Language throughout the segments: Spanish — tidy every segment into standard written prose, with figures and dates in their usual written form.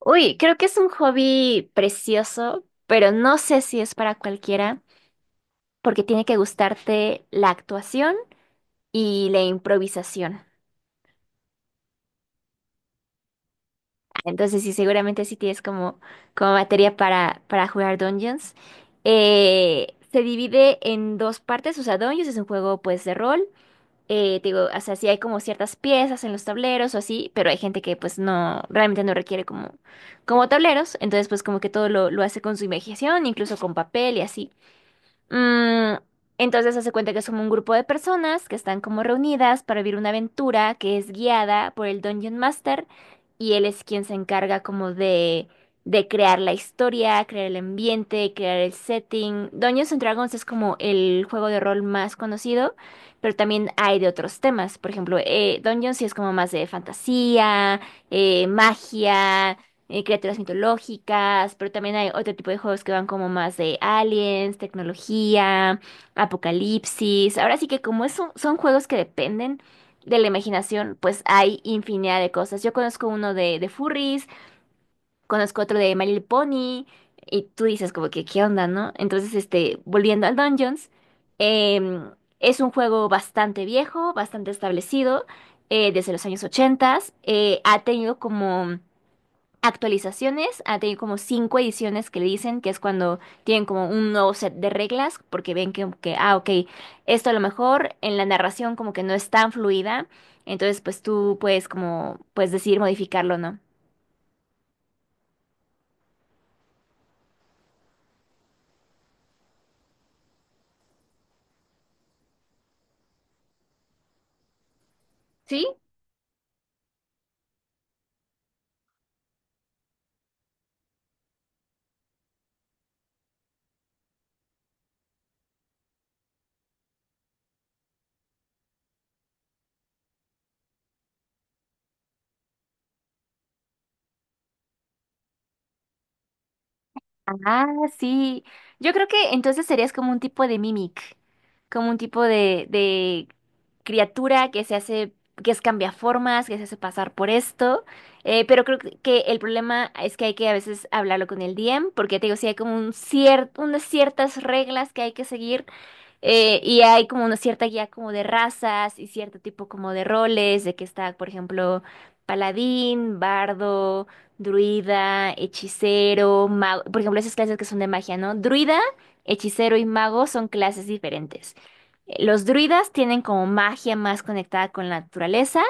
Uy, creo que es un hobby precioso, pero no sé si es para cualquiera, porque tiene que gustarte la actuación y la improvisación. Entonces, sí, seguramente sí tienes como materia para jugar Dungeons. Se divide en dos partes, o sea, Dungeons es un juego pues de rol. Te digo, o sea, sí hay como ciertas piezas en los tableros o así, pero hay gente que pues no, realmente no requiere como tableros, entonces pues como que todo lo hace con su imaginación, incluso con papel y así. Mm, entonces hace cuenta que somos un grupo de personas que están como reunidas para vivir una aventura que es guiada por el Dungeon Master, y él es quien se encarga como de crear la historia, crear el ambiente, crear el setting. Dungeons and Dragons es como el juego de rol más conocido, pero también hay de otros temas. Por ejemplo, Dungeons sí es como más de fantasía, magia, criaturas mitológicas, pero también hay otro tipo de juegos que van como más de aliens, tecnología, apocalipsis. Ahora sí que como son juegos que dependen de la imaginación, pues hay infinidad de cosas. Yo conozco uno de furries, conozco otro de My Little Pony, y tú dices como que, ¿qué onda, no? Entonces, este, volviendo al Dungeons, em, es un juego bastante viejo, bastante establecido, desde los años 80. Ha tenido como actualizaciones, ha tenido como cinco ediciones que le dicen, que es cuando tienen como un nuevo set de reglas, porque ven que, ah, ok, esto a lo mejor en la narración como que no es tan fluida, entonces pues tú puedes como, pues decidir modificarlo, ¿no? ¿Sí? Ah, sí. Yo creo que entonces serías como un tipo de mimic, como un tipo de criatura que se hace, que es cambiaformas, que se hace pasar por esto. Pero creo que el problema es que hay que a veces hablarlo con el DM, porque te digo, sí hay como un cierto, unas ciertas reglas que hay que seguir, y hay como una cierta guía como de razas y cierto tipo como de roles, de que está, por ejemplo, paladín, bardo, druida, hechicero, mago. Por ejemplo, esas clases que son de magia, ¿no? Druida, hechicero y mago son clases diferentes. Los druidas tienen como magia más conectada con la naturaleza.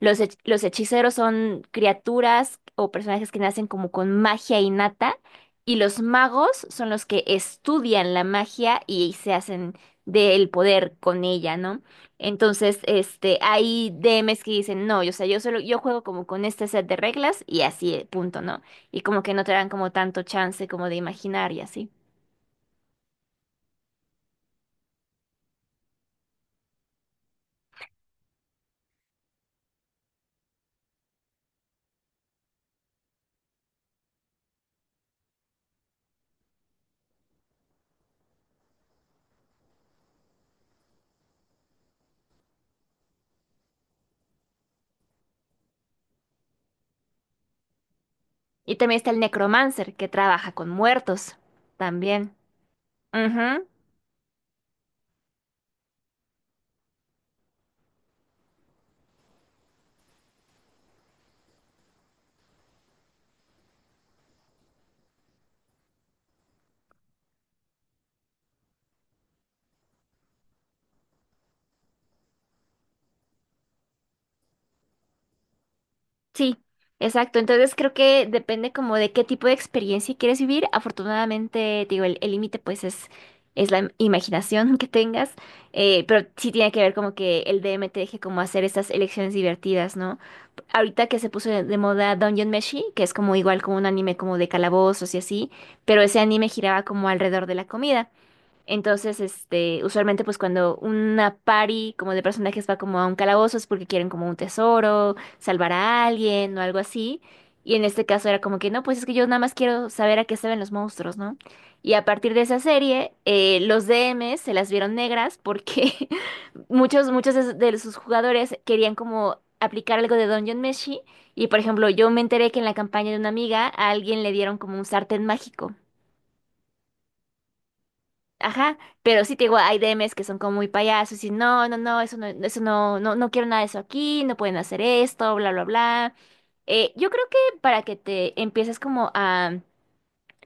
Los hechiceros son criaturas o personajes que nacen como con magia innata. Y los magos son los que estudian la magia y se hacen del poder con ella, ¿no? Entonces, este, hay DMs que dicen, no, yo, o sea, yo solo, yo juego como con este set de reglas y así, punto, ¿no? Y como que no te dan como tanto chance como de imaginar y así. Y también está el necromancer que trabaja con muertos también. Ujú. Sí, exacto. Entonces creo que depende como de qué tipo de experiencia quieres vivir. Afortunadamente, te digo, el límite pues es la imaginación que tengas, pero sí tiene que ver como que el D M te deje como hacer estas elecciones divertidas, ¿no? Ahorita que se puso de moda Dungeon Meshi, que es como igual como un anime como de calabozos y así, pero ese anime giraba como alrededor de la comida. Entonces, este, usualmente pues cuando una party como de personajes va como a un calabozo es porque quieren como un tesoro, salvar a alguien o algo así. Y en este caso era como que no, pues es que yo nada más quiero saber a qué se ven los monstruos, ¿no? Y a partir de esa serie, los DMs se las vieron negras porque muchos, muchos de sus jugadores querían como aplicar algo de Dungeon Meshi. Y por ejemplo, yo me enteré que en la campaña de una amiga a alguien le dieron como un sartén mágico. Ajá, pero sí te digo, hay DMs que son como muy payasos y no, no, no, eso no, eso no, no, no quiero nada de eso aquí, no pueden hacer esto, bla, bla, bla. Yo creo que para que te empieces como a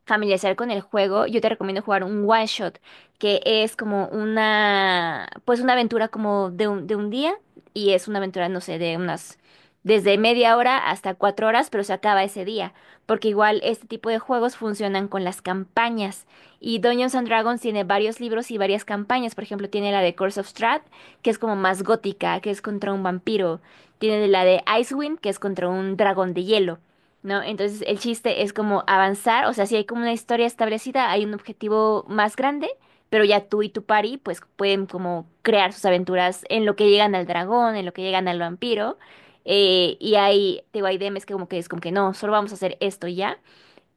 familiarizar con el juego, yo te recomiendo jugar un one shot, que es como una, pues una aventura como de un día, y es una aventura, no sé, de unas, desde media hora hasta 4 horas, pero se acaba ese día, porque igual este tipo de juegos funcionan con las campañas, y Dungeons and Dragons tiene varios libros y varias campañas. Por ejemplo, tiene la de Curse of Strahd, que es como más gótica, que es contra un vampiro; tiene la de Icewind, que es contra un dragón de hielo. ¿No? Entonces el chiste es como avanzar, o sea, si hay como una historia establecida, hay un objetivo más grande, pero ya tú y tu pari pues pueden como crear sus aventuras en lo que llegan al dragón, en lo que llegan al vampiro, y hay, te digo, hay DMs que como que es como que no, solo vamos a hacer esto y ya,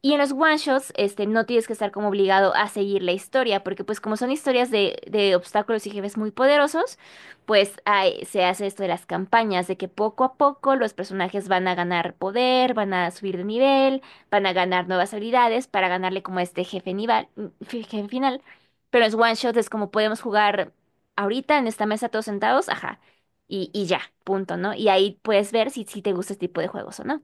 y en los one shots, este, no tienes que estar como obligado a seguir la historia, porque pues como son historias de obstáculos y jefes muy poderosos, pues se hace esto de las campañas, de que poco a poco los personajes van a ganar poder, van a subir de nivel, van a ganar nuevas habilidades para ganarle como a este jefe nivel, jefe final. Pero en los one shots es como podemos jugar ahorita en esta mesa todos sentados, ajá, y ya, punto, ¿no? Y ahí puedes ver si te gusta este tipo de juegos o no.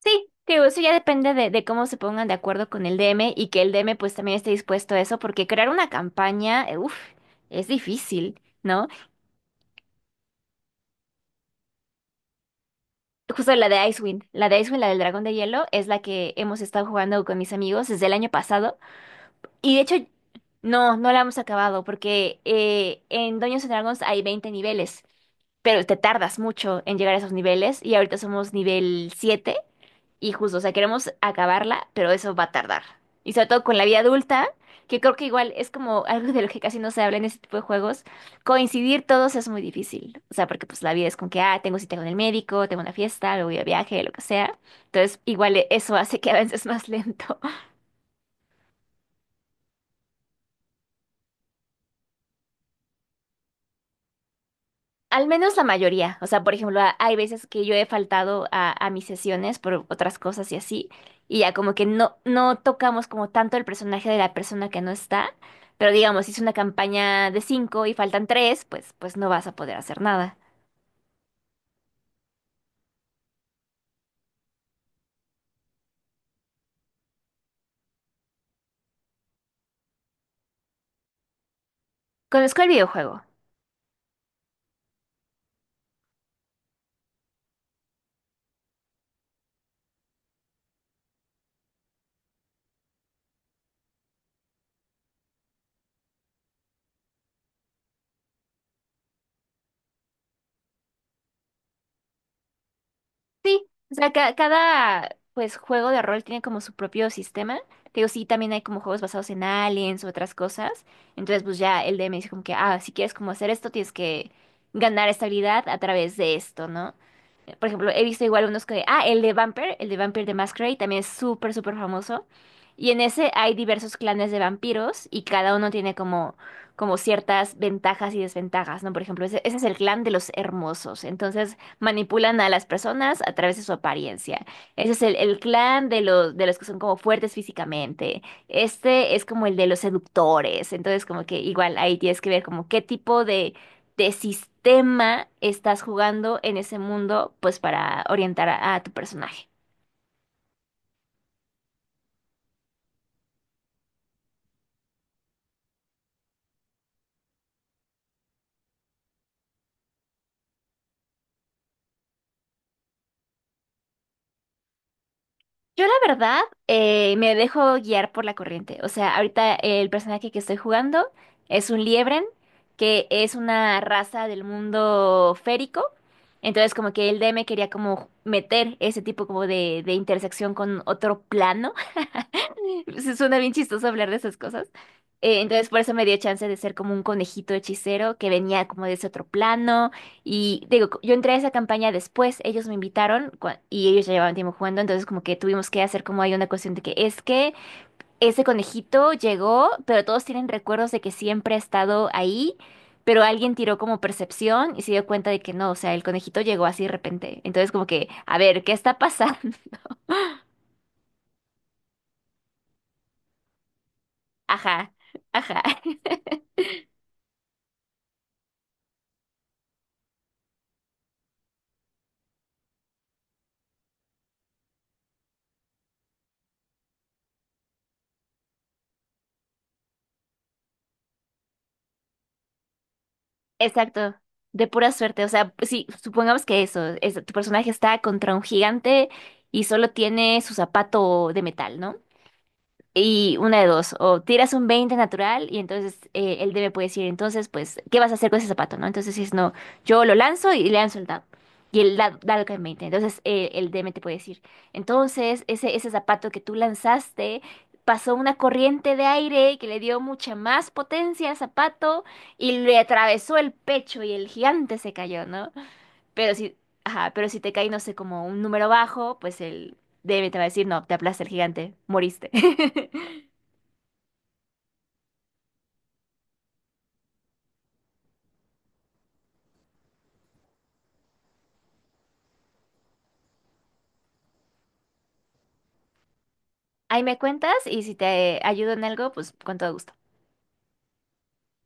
Sí, digo, eso ya depende de cómo se pongan de acuerdo con el DM, y que el DM pues también esté dispuesto a eso, porque crear una campaña, uf, es difícil, ¿no? Justo la de Icewind, la del dragón de hielo, es la que hemos estado jugando con mis amigos desde el año pasado. Y de hecho, no, no la hemos acabado, porque en Dungeons and Dragons hay 20 niveles, pero te tardas mucho en llegar a esos niveles y ahorita somos nivel 7. Y justo, o sea, queremos acabarla, pero eso va a tardar. Y sobre todo con la vida adulta, que creo que igual es como algo de lo que casi no se habla en este tipo de juegos, coincidir todos es muy difícil. O sea, porque pues la vida es con que, ah, tengo cita con el médico, tengo una fiesta, luego voy a viaje, lo que sea. Entonces, igual eso hace que avances más lento. Al menos la mayoría. O sea, por ejemplo, hay veces que yo he faltado a mis sesiones por otras cosas y así, y ya como que no, no tocamos como tanto el personaje de la persona que no está, pero digamos, si es una campaña de cinco y faltan tres, pues, no vas a poder hacer nada. Conozco el videojuego. Sí, o sea, cada pues juego de rol tiene como su propio sistema. Te digo, sí, también hay como juegos basados en aliens u otras cosas. Entonces, pues ya el DM dice como que, ah, si quieres como hacer esto, tienes que ganar esta habilidad a través de esto, ¿no? Por ejemplo, he visto igual unos que, ah, el de Vampire de Masquerade también es súper, súper famoso. Y en ese hay diversos clanes de vampiros y cada uno tiene como ciertas ventajas y desventajas, ¿no? Por ejemplo, ese es el clan de los hermosos. Entonces manipulan a las personas a través de su apariencia. Ese es el clan de los que son como fuertes físicamente. Este es como el de los seductores. Entonces como que igual ahí tienes que ver como qué tipo de sistema estás jugando en ese mundo, pues para orientar a tu personaje. Yo la verdad me dejo guiar por la corriente. O sea, ahorita el personaje que estoy jugando es un liebren, que es una raza del mundo férico. Entonces como que el DM quería como meter ese tipo como de intersección con otro plano. Se Suena bien chistoso hablar de esas cosas. Entonces por eso me dio chance de ser como un conejito hechicero que venía como de ese otro plano. Y digo, yo entré a esa campaña después, ellos me invitaron y ellos ya llevaban tiempo jugando, entonces como que tuvimos que hacer como hay una cuestión de que es que ese conejito llegó, pero todos tienen recuerdos de que siempre ha estado ahí, pero alguien tiró como percepción y se dio cuenta de que no, o sea, el conejito llegó así de repente. Entonces como que, a ver, ¿qué está pasando? Ajá, ajá. Exacto, de pura suerte. O sea, sí, supongamos que eso, tu personaje está contra un gigante y solo tiene su zapato de metal, ¿no? Y una de dos, o tiras un 20 natural y entonces el DM puede decir, entonces, pues, ¿qué vas a hacer con ese zapato, no? Entonces dices, no, yo lo lanzo y le lanzo el dado. Y el dado, cae en 20. Entonces el DM te puede decir, entonces ese zapato que tú lanzaste pasó una corriente de aire que le dio mucha más potencia al zapato, y le atravesó el pecho, y el gigante se cayó, ¿no? Pero si, ajá, pero si te cae, no sé, como un número bajo, pues el DM te va a decir, no, te aplasta el gigante, moriste. Ahí me cuentas, y si te ayudo en algo, pues con todo gusto.